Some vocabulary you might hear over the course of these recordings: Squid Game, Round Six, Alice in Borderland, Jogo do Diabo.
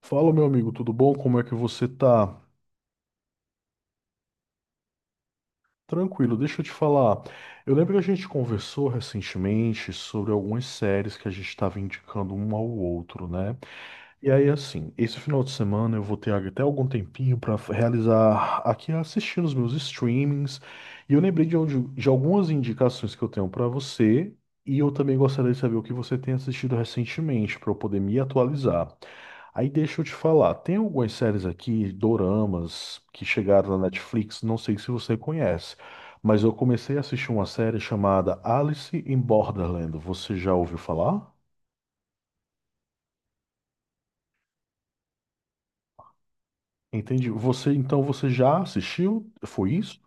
Fala, meu amigo, tudo bom? Como é que você tá? Tranquilo, deixa eu te falar. Eu lembro que a gente conversou recentemente sobre algumas séries que a gente estava indicando um ao outro, né? E aí, assim, esse final de semana eu vou ter até algum tempinho para realizar aqui assistindo os meus streamings. E eu lembrei de, de algumas indicações que eu tenho para você. E eu também gostaria de saber o que você tem assistido recentemente, para eu poder me atualizar. Aí deixa eu te falar, tem algumas séries aqui, doramas, que chegaram na Netflix, não sei se você conhece, mas eu comecei a assistir uma série chamada Alice in Borderland. Você já ouviu falar? Entendi. Você, então, você já assistiu? Foi isso?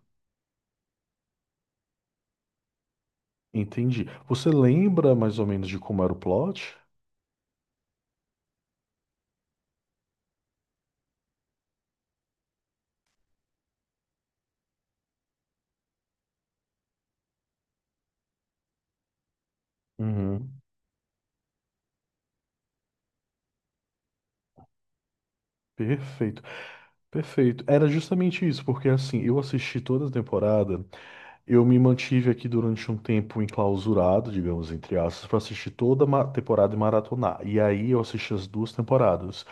Entendi. Você lembra mais ou menos de como era o plot? Uhum. Perfeito, perfeito. Era justamente isso, porque assim, eu assisti toda a temporada. Eu me mantive aqui durante um tempo enclausurado, digamos, entre aspas, para assistir toda a temporada e maratonar. E aí eu assisti as duas temporadas.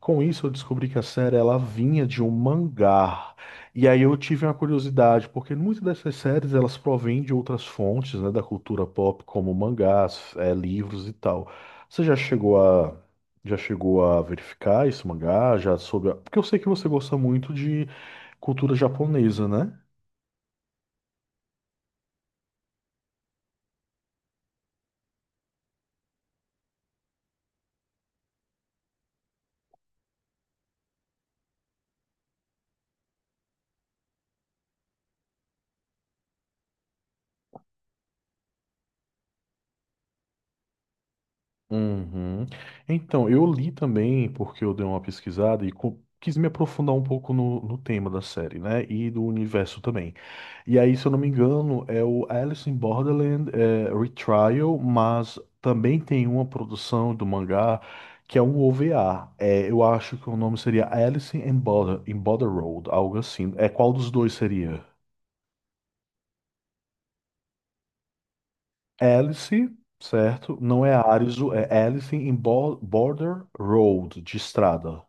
Com isso, eu descobri que a série ela vinha de um mangá. E aí eu tive uma curiosidade, porque muitas dessas séries elas provêm de outras fontes, né, da cultura pop, como mangás, livros e tal. Você já chegou a verificar esse mangá? Já soube? Porque eu sei que você gosta muito de cultura japonesa, né? Uhum. Então, eu li também, porque eu dei uma pesquisada e quis me aprofundar um pouco no tema da série, né? E do universo também. E aí, se eu não me engano, é o Alice in Borderland é, Retrial, mas também tem uma produção do mangá que é um OVA. É, eu acho que o nome seria Alice in Border Road, algo assim. É, qual dos dois seria? Alice, certo? Não é Arizo, é Alice in Border Road, de estrada.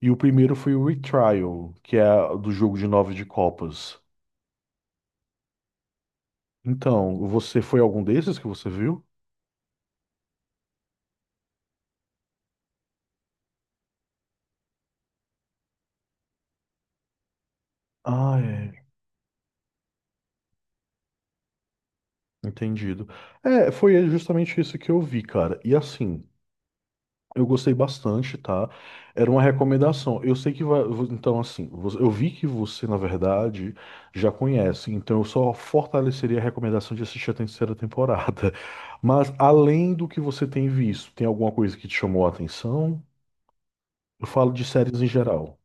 E o primeiro foi o Retrial, que é do jogo de nove de copas. Então, você foi algum desses que você viu? Ah, é. Entendido. É, foi justamente isso que eu vi, cara. E assim, eu gostei bastante, tá? Era uma recomendação. Eu sei que vai. Então, assim, eu vi que você, na verdade, já conhece. Então, eu só fortaleceria a recomendação de assistir a terceira temporada. Mas, além do que você tem visto, tem alguma coisa que te chamou a atenção? Eu falo de séries em geral.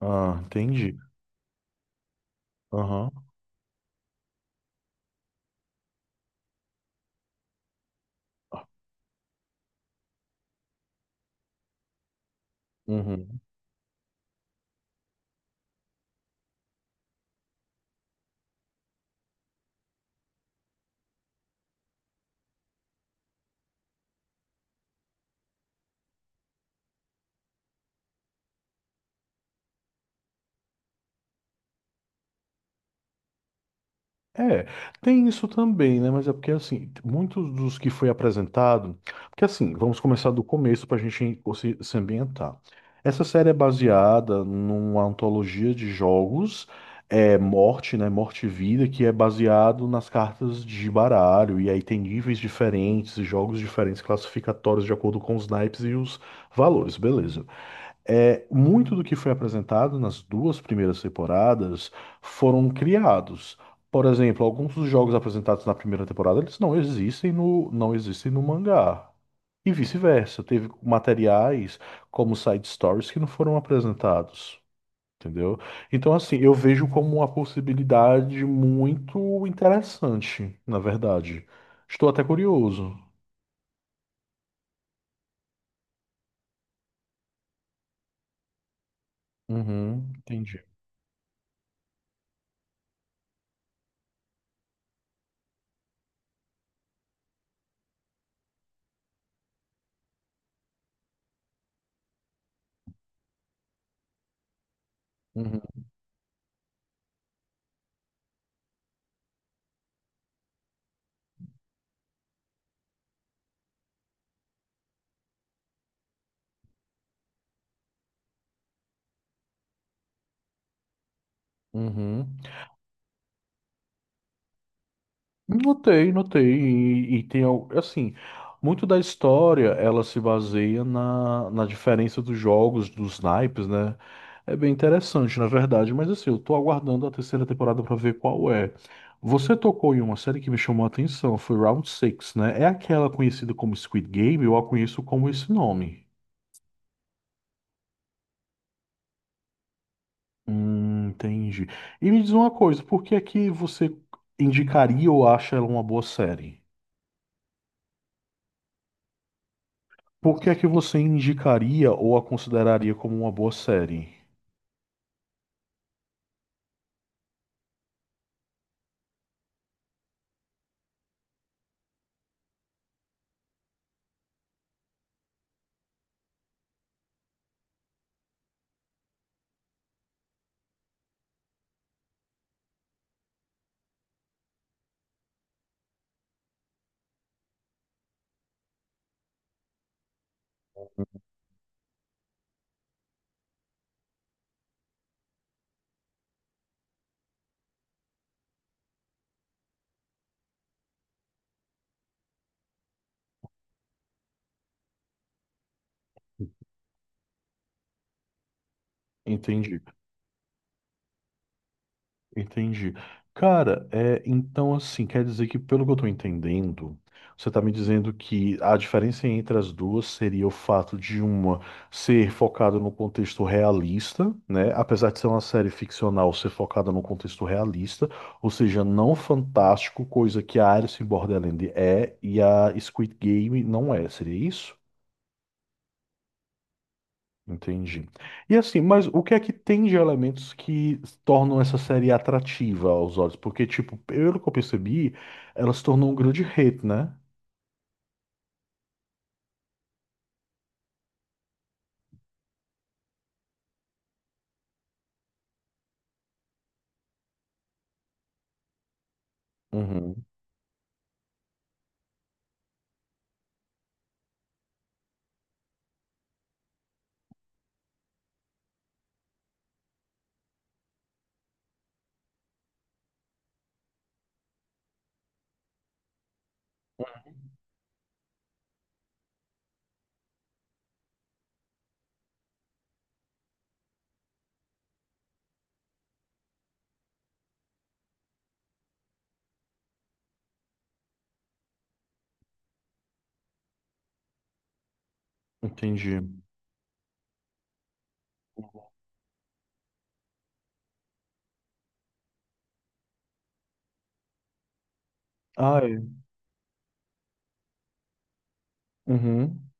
Ah, entendi. Aham. Uhum. É, tem isso também, né? Mas é porque, assim, muitos dos que foi apresentado. Porque, assim, vamos começar do começo para a gente se ambientar. Essa série é baseada numa antologia de jogos, é Morte, né? Morte e Vida, que é baseado nas cartas de baralho. E aí tem níveis diferentes, jogos diferentes, classificatórios de acordo com os naipes e os valores, beleza. É, muito do que foi apresentado nas duas primeiras temporadas foram criados. Por exemplo, alguns dos jogos apresentados na primeira temporada, eles não existem não existem no mangá. E vice-versa, teve materiais como side stories que não foram apresentados, entendeu? Então, assim, eu vejo como uma possibilidade muito interessante, na verdade. Estou até curioso. Uhum, entendi. Uhum, uhum. Notei, notei. E tem, assim, muito da história ela se baseia na diferença dos jogos, dos naipes, né? É bem interessante, na verdade. Mas, assim, eu tô aguardando a terceira temporada pra ver qual é. Você tocou em uma série que me chamou a atenção, foi Round Six, né? É aquela conhecida como Squid Game, eu a conheço como esse nome. Entendi. E me diz uma coisa, por que é que você indicaria ou acha ela uma boa série? Por que é que você indicaria ou a consideraria como uma boa série? Entendi, entendi. Cara, é, então assim, quer dizer que pelo que eu tô entendendo, você tá me dizendo que a diferença entre as duas seria o fato de uma ser focada no contexto realista, né? Apesar de ser uma série ficcional, ser focada no contexto realista, ou seja, não fantástico, coisa que a Alice in Borderland é e a Squid Game não é, seria isso? Entendi. E assim, mas o que é que tem de elementos que tornam essa série atrativa aos olhos? Porque, tipo, pelo que eu percebi, ela se tornou um grande hit, né? Uhum. Entendi. Ah, é. Uhum.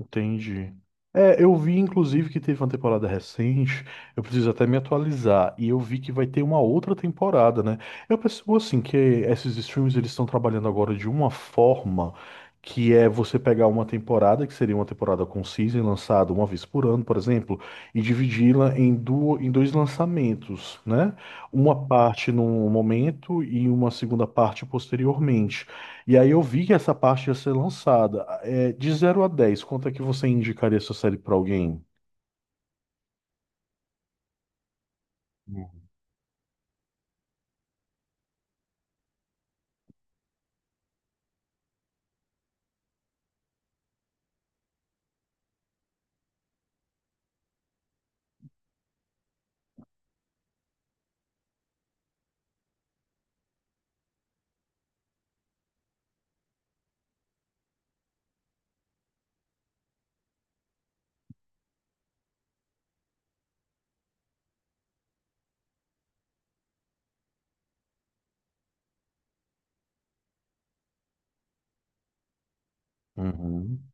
Entendi. É, eu vi inclusive que teve uma temporada recente, eu preciso até me atualizar, e eu vi que vai ter uma outra temporada, né? Eu percebo assim que esses streams eles estão trabalhando agora de uma forma que é você pegar uma temporada, que seria uma temporada com season lançada uma vez por ano, por exemplo, e dividi-la em, em dois lançamentos, né? Uma parte num momento e uma segunda parte posteriormente. E aí eu vi que essa parte ia ser lançada. É, de 0 a 10, quanto é que você indicaria essa série pra alguém? Uhum.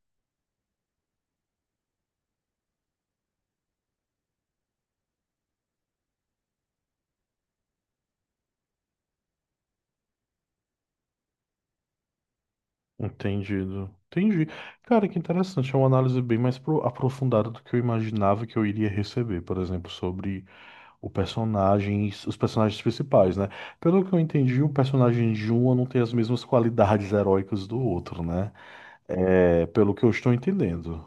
Entendido. Entendi. Cara, que interessante. É uma análise bem mais aprofundada do que eu imaginava que eu iria receber, por exemplo, sobre o personagem, os personagens principais, né? Pelo que eu entendi, o personagem de um não tem as mesmas qualidades heróicas do outro, né? É, pelo que eu estou entendendo.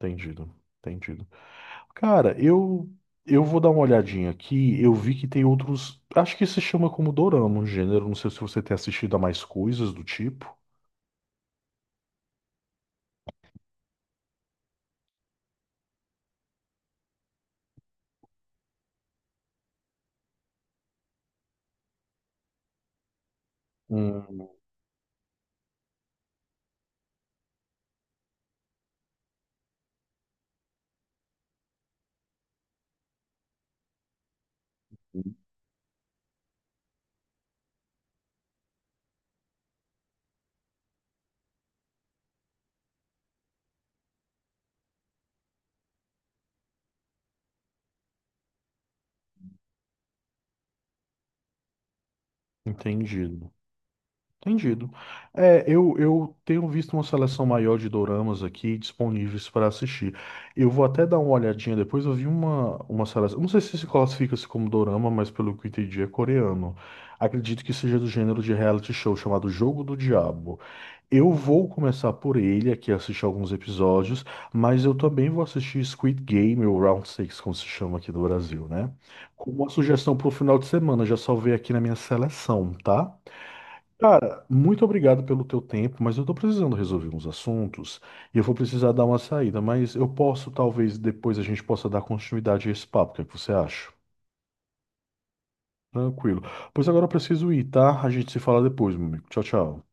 Entendido. Entendido. Cara, eu vou dar uma olhadinha aqui. Eu vi que tem outros. Acho que se chama como dorama, um gênero. Não sei se você tem assistido a mais coisas do tipo. Hum, entendido. Entendido. É, eu tenho visto uma seleção maior de doramas aqui disponíveis para assistir. Eu vou até dar uma olhadinha depois. Eu vi uma seleção. Não sei se se classifica-se como dorama, mas pelo que eu entendi é coreano. Acredito que seja do gênero de reality show chamado Jogo do Diabo. Eu vou começar por ele aqui, assistir alguns episódios, mas eu também vou assistir Squid Game, ou Round Six, como se chama aqui do Brasil, né? Como uma sugestão pro final de semana, já salvei aqui na minha seleção, tá? Cara, muito obrigado pelo teu tempo, mas eu tô precisando resolver uns assuntos e eu vou precisar dar uma saída, mas eu posso, talvez, depois a gente possa dar continuidade a esse papo, o que é que você acha? Tranquilo. Pois agora eu preciso ir, tá? A gente se fala depois, meu amigo. Tchau, tchau.